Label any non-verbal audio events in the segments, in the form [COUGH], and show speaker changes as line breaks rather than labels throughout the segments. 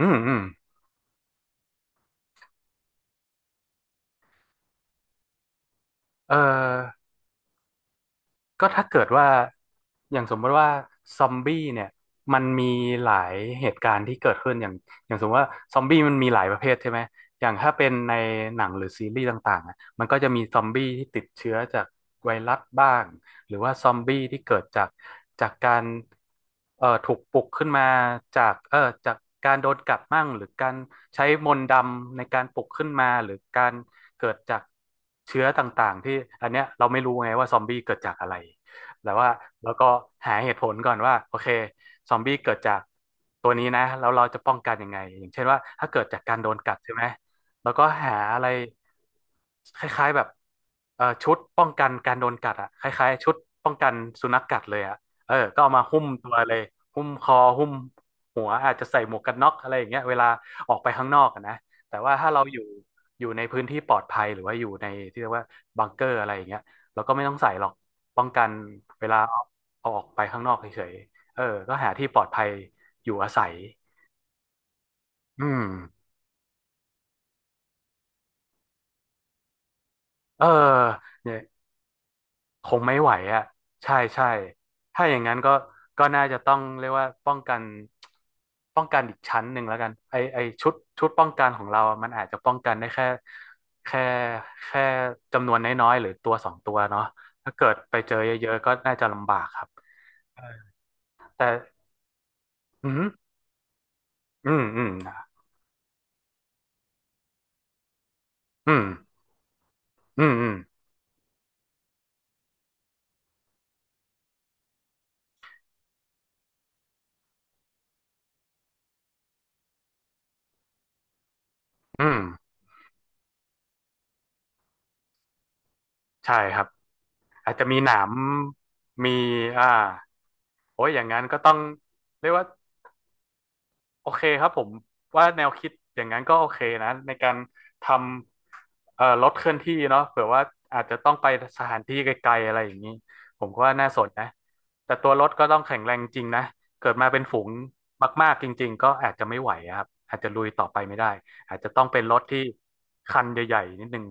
อืมอืมเออก็ถ้าเกิดว่าอย่างสมมติว่าซอมบี้เนี่ยมันมีหลายเหตุการณ์ที่เกิดขึ้นอย่างอย่างสมมติว่าซอมบี้มันมีหลายประเภทใช่ไหมอย่างถ้าเป็นในหนังหรือซีรีส์ต่างๆอะมันก็จะมีซอมบี้ที่ติดเชื้อจากไวรัสบ้าง หรือว่าซอมบี้ที่เกิดจากจากการถูกปลุกขึ้นมาจากจากการโดนกัดมั่งหรือการใช้มนต์ดำในการปลุกขึ้นมาหรือการเกิดจากเชื้อต่างๆที่อันเนี้ยเราไม่รู้ไงว่าซอมบี้เกิดจากอะไรแต่ว่าแล้วก็หาเหตุผลก่อนว่าโอเคซอมบี้เกิดจากตัวนี้นะแล้วเราจะป้องกันยังไงอย่างเช่นว่าถ้าเกิดจากการโดนกัดใช่ไหม แล้วก็หาอะไรคล้ายๆแบบชุดป้องกันการโดนกัดอ่ะคล้ายๆชุดป้องกันสุนัขกัดเลยอ่ะเออก็เอามาหุ้มตัวเลยหุ้มคอหุ้มหัวอาจจะใส่หมวกกันน็อกอะไรอย่างเงี้ยเวลาออกไปข้างนอกอะนะแต่ว่าถ้าเราอยู่อยู่ในพื้นที่ปลอดภัยหรือว่าอยู่ในที่เรียกว่าบังเกอร์อะไรอย่างเงี้ยเราก็ไม่ต้องใส่หรอกป้องกันเวลาเอาเอาออกไปข้างนอกเฉยๆเออก็หาที่ปลอดภัยอยู่อาศัยอืมเออเนี่ย คงไม่ไหวอ่ะใช่ใช่ถ้าอย่างนั้นก็ก็น่าจะต้องเรียกว่าป้องกันป้องกันอีกชั้นหนึ่งแล้วกันไอไอชุดชุดป้องกันของเราอะมันอาจจะป้องกันได้แค่แค่แค่จำนวนน้อยๆหรือตัวสองตัวเนาะถ้าเกิดไปเจอเยอะๆก็น่าจะลำบากครับแต่อืมอืมอืมอืมอืมอืมอืมใช่ครับอาจจะมีหนามมีอ่าโอ้ยอย่างนั้นก็ต้องเรียกว่า โอเคครับผมว่าแนวคิดอย่างนั้นก็โอเคนะในการทำรถเคลื่อนที่เนาะเผื่อว่าอาจจะต้องไปสถานที่ไกลๆอะไรอย่างนี้ผมก็ว่าน่าสนนะแต่ตัวรถก็ต้องแข็งแรงจริงนะเกิดมาเป็นฝูงมากๆจริงๆก็อาจจะไม่ไหวอะครับอาจจะลุยต่อไปไม่ได้อาจจะต้องเป็นรถที่คันใหญ่ๆนิดนึง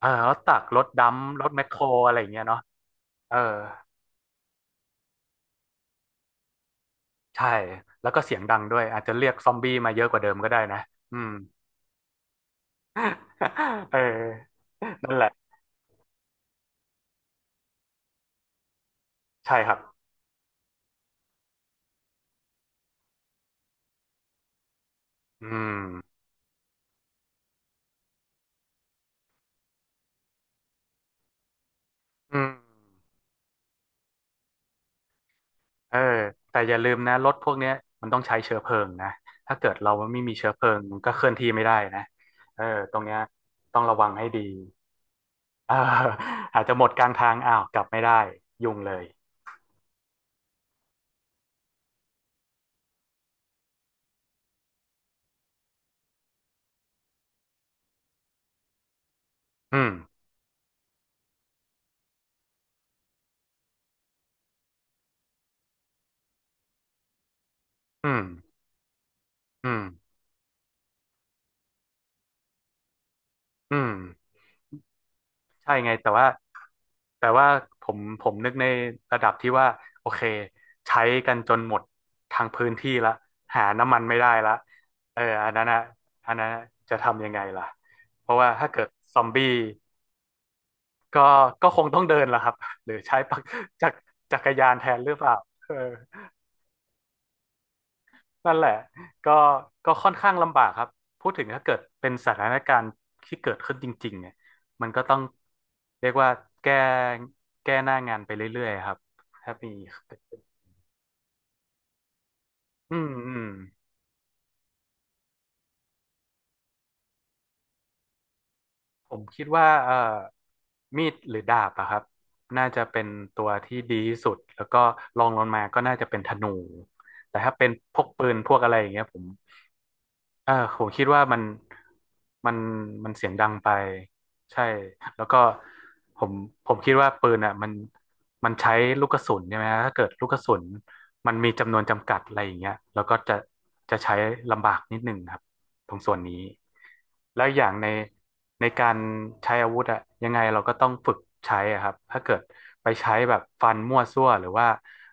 เออรถตักรถดัมรถแมคโครอะไรอย่างเงี้ยเนาะเออใช่แล้วก็เสียงดังด้วยอาจจะเรียกซอมบี้มาเยอะกว่าเดิมก็ได้นะอืม [LAUGHS] เออนั่นแหละใช่ครับอืมอืมเออแต่อย่าลืมนะรถพวกเนี้ยมันต้องใช้เชื้อเพลิงนะ ถ้าเกิดเราไม่มีเชื้อเพลิงมันก็เคลื่อนที่ไม่ได้นะเออตรงเนี้ยต้องระวังให้ดีเอออาจจะหมดกลางทางอ้าวกลับไม่ได้ยุ่งเลยอืมอืมอืมอืม ใช่ไงแต่ว่าแต่ว่าผมนึกในระดับที่ว่าโอเคใช้กันจนหมดทางพื้นที่ละหาน้ำมันไม่ได้ละเอออันนั้นอะอันนั้นน่ะจะทำยังไงล่ะเพราะว่าถ้าเกิดซอมบี้ก็ก็คงต้องเดินล่ะครับหรือใช้ปักจักรจักรยานแทนหรือเปล่าเออ นั่นแหละก็ก็ค่อนข้างลำบากครับพูดถึงถ้าเกิดเป็นสถานการณ์ที่เกิดขึ้นจริงๆเนี่ยมันก็ต้องเรียกว่าแก้แก้หน้างานไปเรื่อยๆครับถ้ามีอืมอืมผมคิดว่ามีดหรือดาบอะครับน่าจะเป็นตัวที่ดีที่สุดแล้วก็รองลงมาก็น่าจะเป็นธนูแต่ถ้าเป็นพวกปืนพวกอะไรอย่างเงี้ยผม อ่าผมคิดว่ามันมันมันเสียงดังไปใช่แล้วก็ผมผมคิดว่าปืนอ่ะมันมันใช้ลูกกระสุนใช่ไหมฮะถ้าเกิดลูกกระสุนมันมีจำนวนจำกัดอะไรอย่างเงี้ยแล้วก็จะจะใช้ลำบากนิดหนึ่งครับตรงส่วนนี้แล้วอย่างในในการใช้อาวุธอ่ะยังไงเราก็ต้องฝึกใช้อะครับถ้าเกิดไปใช้แบบฟันมั่วซั่วหรือว่า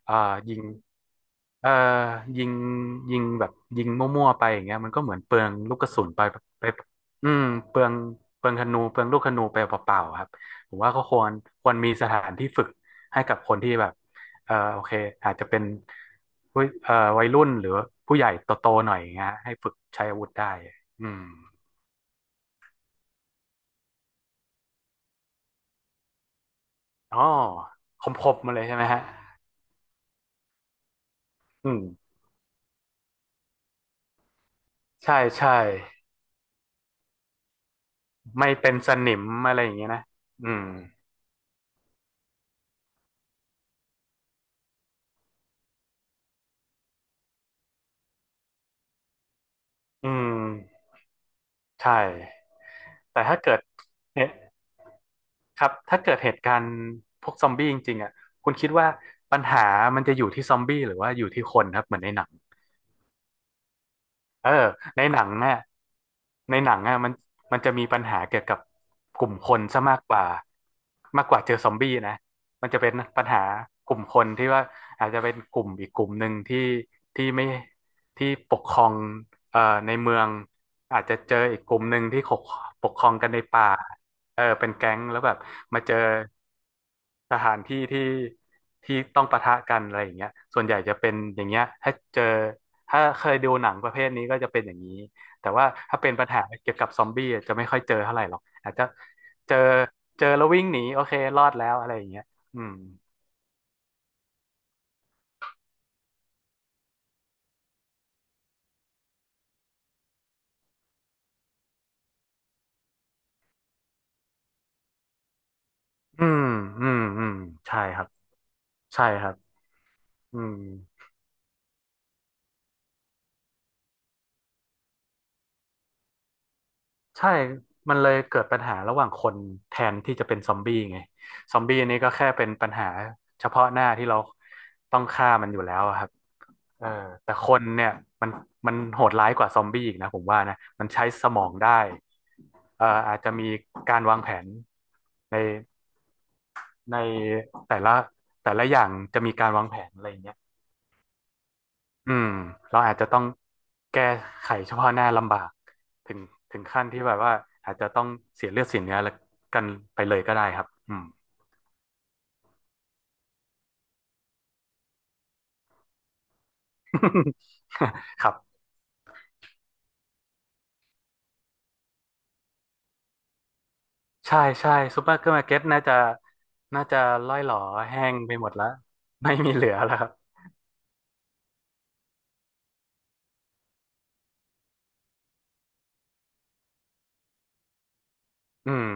เอ่อยิง เอ่อยิงยิงแบบยิงมั่วๆไปอย่างเงี้ยมันก็เหมือนเปลืองลูกกระสุนไปไปอืมเปลืองเปลืองธนูเปลืองลูกธนูไปเปล่าๆครับผมว่าก็ควรควรมีสถานที่ฝึกให้กับคนที่แบบโอเคอาจจะเป็นผู้วัยรุ่นหรือผู้ใหญ่โตๆหน่อยอย่างเงี้ยให้ฝึกใช้อาวุธได้อืมอ๋อคมๆมาเลยใช่ไหมฮะอืมใช่ใช่ไม่เป็นสนิมอะไรอย่างเงี้ยนะอืมอืมใช่ แต่ถ้าเกิดเนี่ยครับถ้าเกิดเหตุการณ์พวกซอมบี้จริงๆอ่ะคุณคิดว่าปัญหามันจะอยู่ที่ซอมบี้หรือว่าอยู่ที่คนครับเหมือนในหนัง เออในหนังเนี่ยในหนังอ่ะมันจะมีปัญหาเกี่ยวกับกลุ่มคนซะมากกว่ามากกว่าเจอซอมบี้นะมันจะเป็นปัญหากลุ่มคนที่ว่าอาจจะเป็นกลุ่มอีกกลุ่มหนึ่งที่ไม่ที่ปกครองเอ่อในเมืองอาจจะเจออีกกลุ่มหนึ่งที่ปกครองกันในป่าเออเป็นแก๊งแล้วแบบมาเจอ สถานที่ที่ต้องปะทะกันอะไรอย่างเงี้ยส่วนใหญ่จะเป็นอย่างเงี้ยถ้าเจอถ้าเคยดูหนังประเภทนี้ก็จะเป็นอย่างนี้แต่ว่าถ้าเป็นปัญหาเกี่ยวกับซอมบี้อะจะไม่ค่อยเจอเท่าไหร่หรอกอาจจะเจอเจอแล้ววิ่งหนีโอเครอดแล้วอะไรอย่างเงี้ยอืมอืมอืมอืมใช่ครับใช่ครับอืม ใช่มันเลยเกิดปัญหาระหว่างคนแทนที่จะเป็นซอมบี้ไงซอมบี้นี่ก็แค่เป็นปัญหาเฉพาะหน้าที่เราต้องฆ่ามันอยู่แล้วอะครับเออแต่คนเนี่ยมันมันโหดร้ายกว่าซอมบี้อีกนะผมว่านะมันใช้สมองได้อาจจะมีการวางแผนในในแต่ละแต่ละอย่างจะมีการวางแผนอะไรอย่างเงี้ย อืมเราอาจจะต้องแก้ไขเฉพาะหน้าลำบากถึงถึงขั้นที่แบบว่าอาจจะต้องเสียเลือดเสียเนื้อแล้วกันไปเลยก็ได้ครับอืม [LAUGHS] ครับใช่ใช่ซูเปอร์มาร์เก็ตน่าจะร่อยหรอแห้งไปหมดแล้วไม่มีเหลือแล้วครับอืม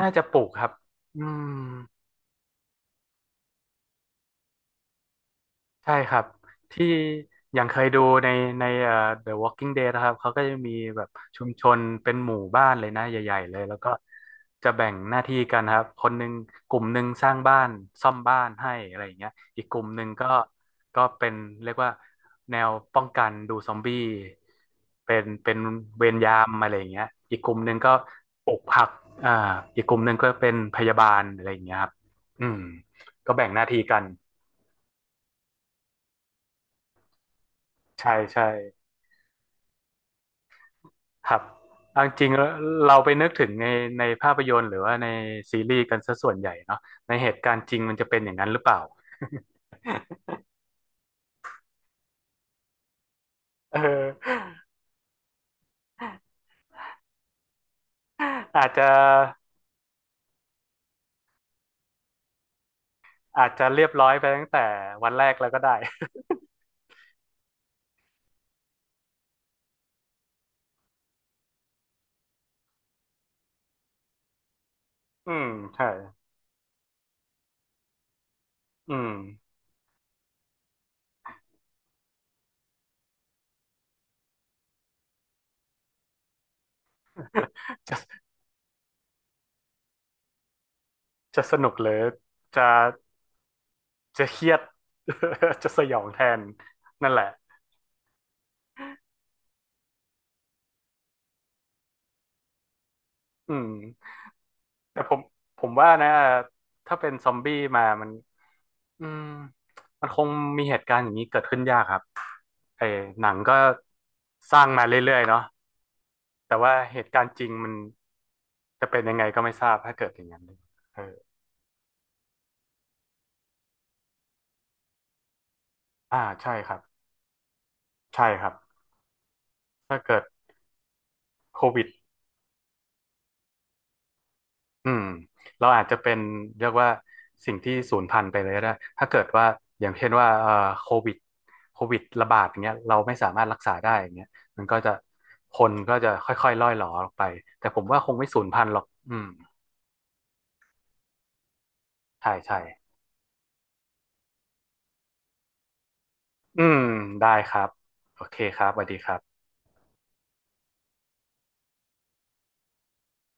น่าจะปลูกครับอืม ใช่ครับที่อย่างเคยดูในThe Walking Dead นะครับเขาก็จะมีแบบชุมชนเป็นหมู่บ้านเลยนะใหญ่ๆเลยแล้วก็จะแบ่งหน้าที่กันครับคนหนึ่งกลุ่มหนึ่งสร้างบ้านซ่อมบ้านให้อะไรอย่างเงี้ยอีกกลุ่มหนึ่งก็เป็นเรียกว่าแนวป้องกันดูซอมบี้เป็นเวรยามอะไรอย่างเงี้ยอีกกลุ่มหนึ่งก็ปลูกผักอ่าอีกกลุ่มหนึ่งก็เป็นพยาบาลอะไรอย่างเงี้ยครับอืมก็แบ่งหน้าที่กันใช่ใช่ ครับเอาจริงๆแล้วเราไปนึกถึงในภาพยนตร์หรือว่าในซีรีส์กันซะส่วนใหญ่เนาะในเหตุการณ์จริงมันจะเป็นอย่างนั้นหรือเปล่า [LAUGHS] เอออาจจะอาจจะเรียบร้อยไปตั้งแต่วันแรกแล้วก็ได้ [LAUGHS] อืมใช่อืม [LAUGHS] จะจะสนุกหรือจะจะเครียด [LAUGHS] จะสยองแทนนั่นแหละอืมแต่ผมว่านะถ้าเป็นซอมบี้มามันอืมมันคงมีเหตุการณ์อย่างนี้เกิดขึ้นยากครับ ไอ้หนังก็สร้างมาเรื่อยๆเนาะแต่ว่าเหตุการณ์จริงมันจะเป็นยังไงก็ไม่ทราบถ้าเกิดอย่างนั้นเอออ่าใช่ครับใช่ครับถ้าเกิดโควิดอืมเราอาจจะเป็นเรียกว่าสิ่งที่สูญพันธุ์ไปเลยก็ได้ถ้าเกิดว่าอย่างเช่นว่าโควิดโควิดระบาดอย่างเงี้ยเราไม่สามารถรักษาได้อย่างเงี้ยมันก็จะคนก็จะค่อยๆล่อยหลอออกไปแต่ผมว่าคงไม่สูญพันธุ์หรอกอืมใช่ใช่อืมได้ครับโอเคครับสวัสดีครับ